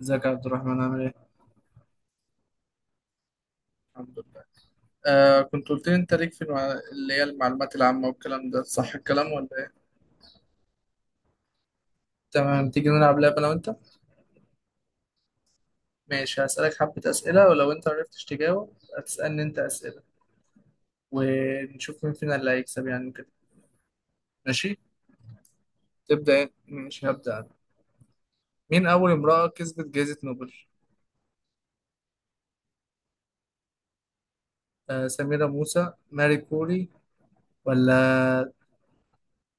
ازيك يا عبد الرحمن عامل ايه؟ الحمد لله. كنت قلت لي انت ليك في اللي هي المعلومات العامة والكلام ده، صح الكلام ولا ايه؟ تمام، تيجي نلعب لعبة انا وانت؟ ماشي، هسألك حبة أسئلة، ولو انت عرفتش تجاوب هتسألني انت أسئلة، ونشوف مين فينا اللي هيكسب يعني كده. ماشي؟ تبدأ ايه؟ ماشي هبدأ انا. مين أول امرأة كسبت جائزة نوبل؟ سميرة موسى، ماري كوري ولا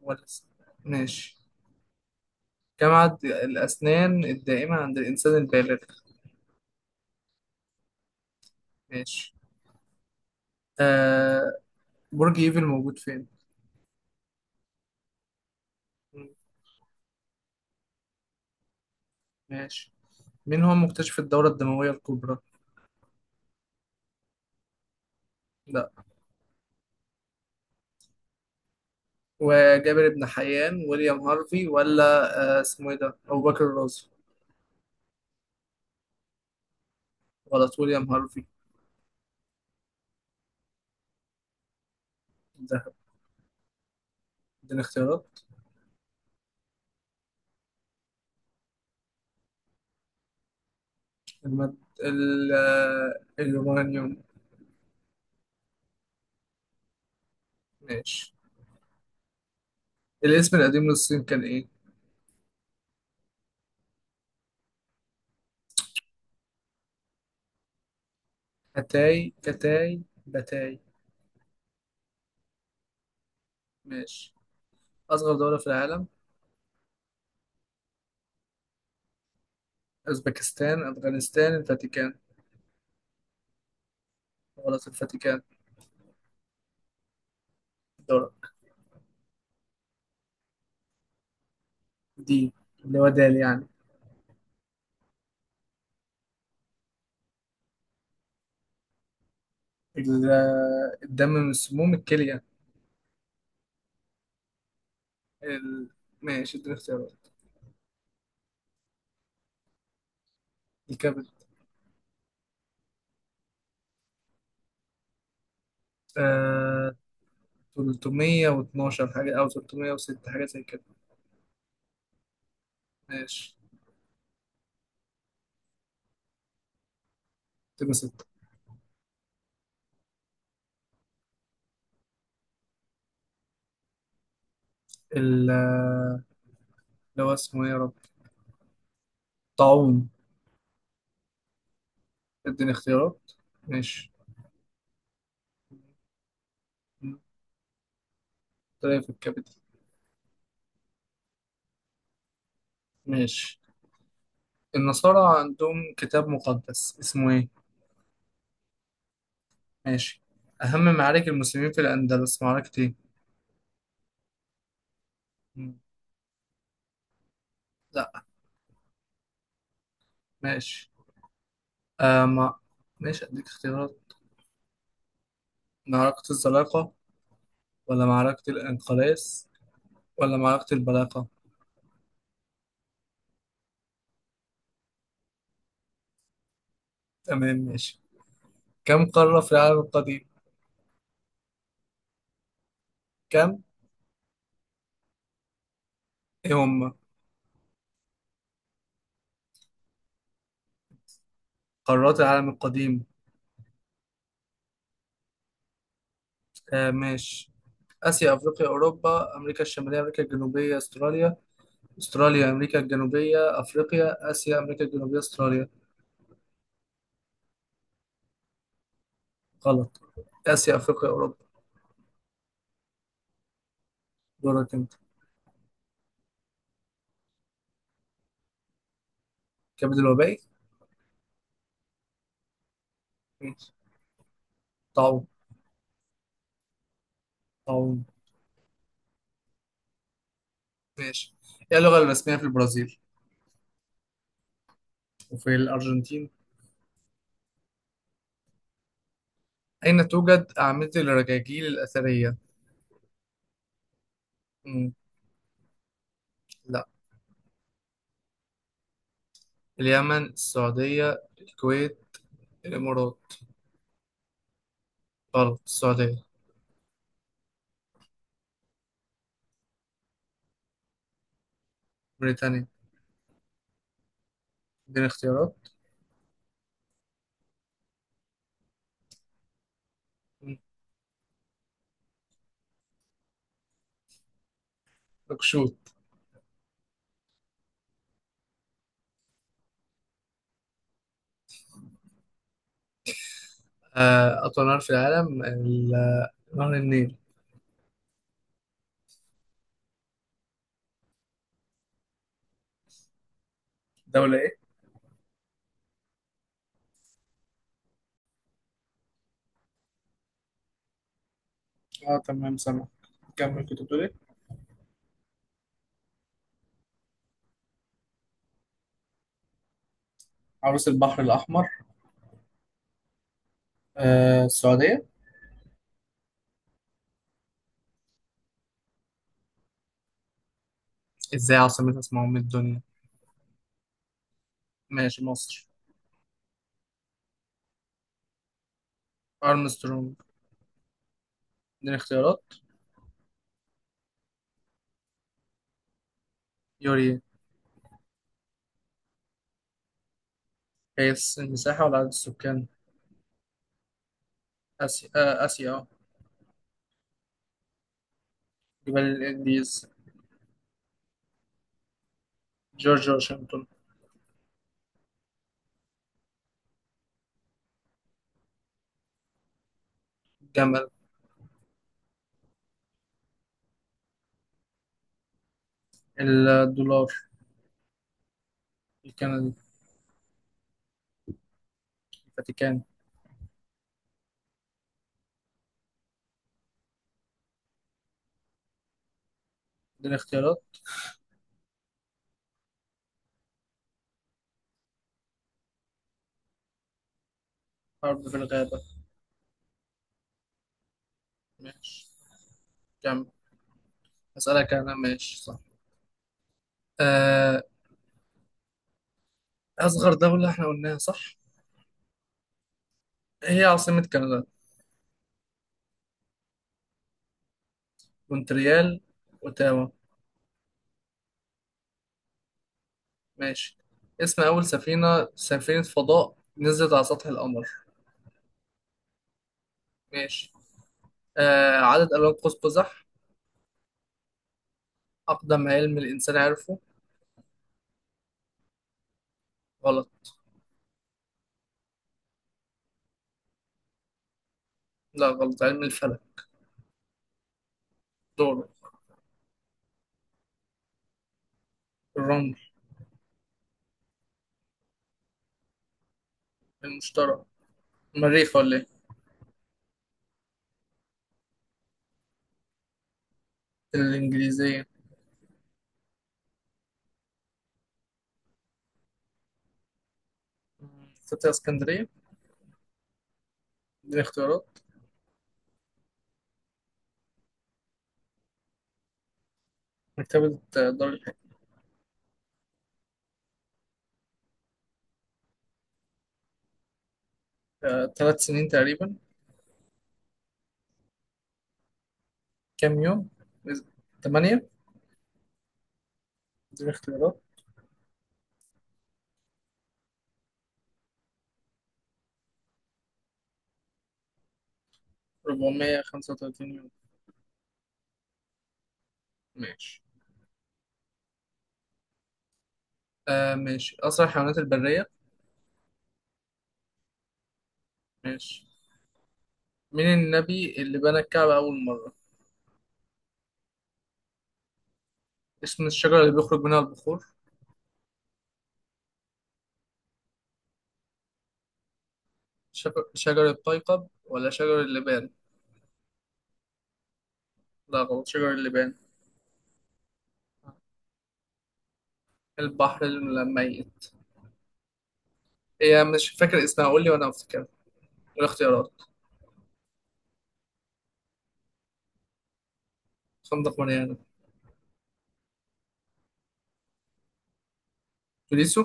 ولا س- ماشي. كم عدد الأسنان الدائمة عند الإنسان البالغ؟ ماشي. آه، برج ايفل موجود فين؟ مم. ماشي. مين هو مكتشف الدورة الدموية الكبرى؟ لا، وجابر بن حيان، ويليام هارفي، ولا اسمه ايه ده؟ أبو بكر الرازي. غلط، ويليام هارفي. ده اديني اختيارات. المد... ال... آه، اليورانيوم. ماشي. الاسم القديم للصين كان ايه؟ أتاي، كتاي، بتاي. ماشي. أصغر دولة في العالم؟ أوزبكستان، أفغانستان، الفاتيكان. غلط، الفاتيكان دولة. دي اللي هو دال يعني. ال- الدم من سموم الكلية. ال... ماشي اديني اختيارات. الكبد. آه... 312 حاجة أو 306 حاجة زي كده. ماشي تبقى ستة. ال آه، اللي هو اسمه إيه يا رب؟ طاعون. اديني اختيارات. ماشي، طلع في الكبد. ماشي. النصارى عندهم كتاب مقدس اسمه إيه؟ ماشي. أهم معارك المسلمين في الأندلس معركة إيه؟ مم. لا. ماشي. آه ما ماشي أديك اختيارات. معركة الزلاقة، ولا معركة الإنقلاز، ولا معركة البلاقة. تمام ماشي. كم قارة في العالم القديم؟ كم؟ إيه هم؟ قارات العالم القديم. ماشي. آسيا، أفريقيا، أوروبا، أمريكا الشمالية، أمريكا الجنوبية، أستراليا. أستراليا، أمريكا الجنوبية، أفريقيا، آسيا، أمريكا الجنوبية، أستراليا. غلط، آسيا، أفريقيا، أوروبا. دورك أنت. كبد الوبائي. ماشي طاعون. طاعون. ماشي. إيه اللغة الرسمية في البرازيل؟ وفي الأرجنتين؟ أين توجد أعمدة الرجاجيل الأثرية؟ لا. اليمن، السعودية، الكويت، الإمارات. غلط، السعودية. بريطانيا. اديني اختيارات. مم. نكشوت. أطول نهر في العالم نهر النيل. دولة إيه؟ اه تمام سامع. كمل، كنت بتقول إيه؟ عروس البحر الأحمر. السعودية. إزاي عاصمة اسمها أم الدنيا؟ ماشي، مصر. أرمسترونج. اديني اختيارات. يوري. قياس المساحة ولا عدد السكان؟ آسيا. آسيا، اه. جبال الإنديز. جورج واشنطن. جمل. الدولار. الكندي. الفاتيكان. اديني اختيارات. حرب في الغابة. ماشي كمل. أسألك أنا ماشي، صح؟ آه، أصغر دولة احنا قلناها، صح؟ هي عاصمة كندا؟ مونتريال، أوتاوا. ماشي. اسم أول سفينة فضاء نزلت على سطح القمر؟ ماشي. عدد ألوان قوس قزح. أقدم علم الإنسان عرفه. غلط. لا، غلط، علم الفلك. دوره. الرمل. المشتري. المريخ ولا إيه؟ الإنجليزية. فتاة اسكندرية. دي اختيارات. مكتبة دار. الحكاية 3 سنين تقريبا. كام يوم؟ تمانية. دي اختيارات. 435 يوم. ماشي. ماشي، أسرع الحيوانات البرية. ماشي. مين النبي اللي بنى الكعبة أول مرة؟ اسم الشجرة اللي بيخرج منها البخور؟ شجر, شجر الطيقب ولا شجر اللبان؟ لا غلط، شجر اللبان. البحر الميت. هي مش فاكر اسمها، قول لي وأنا أفتكر. الاختيارات. خندق مريانا. توليسو.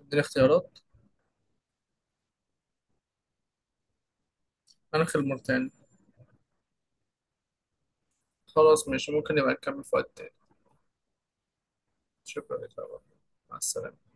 اديني اختيارات. أنا الموريتاني. خلاص ماشي، ممكن نبقى نكمل في وقت تاني. شكرا لك يا عمر. مع السلامة.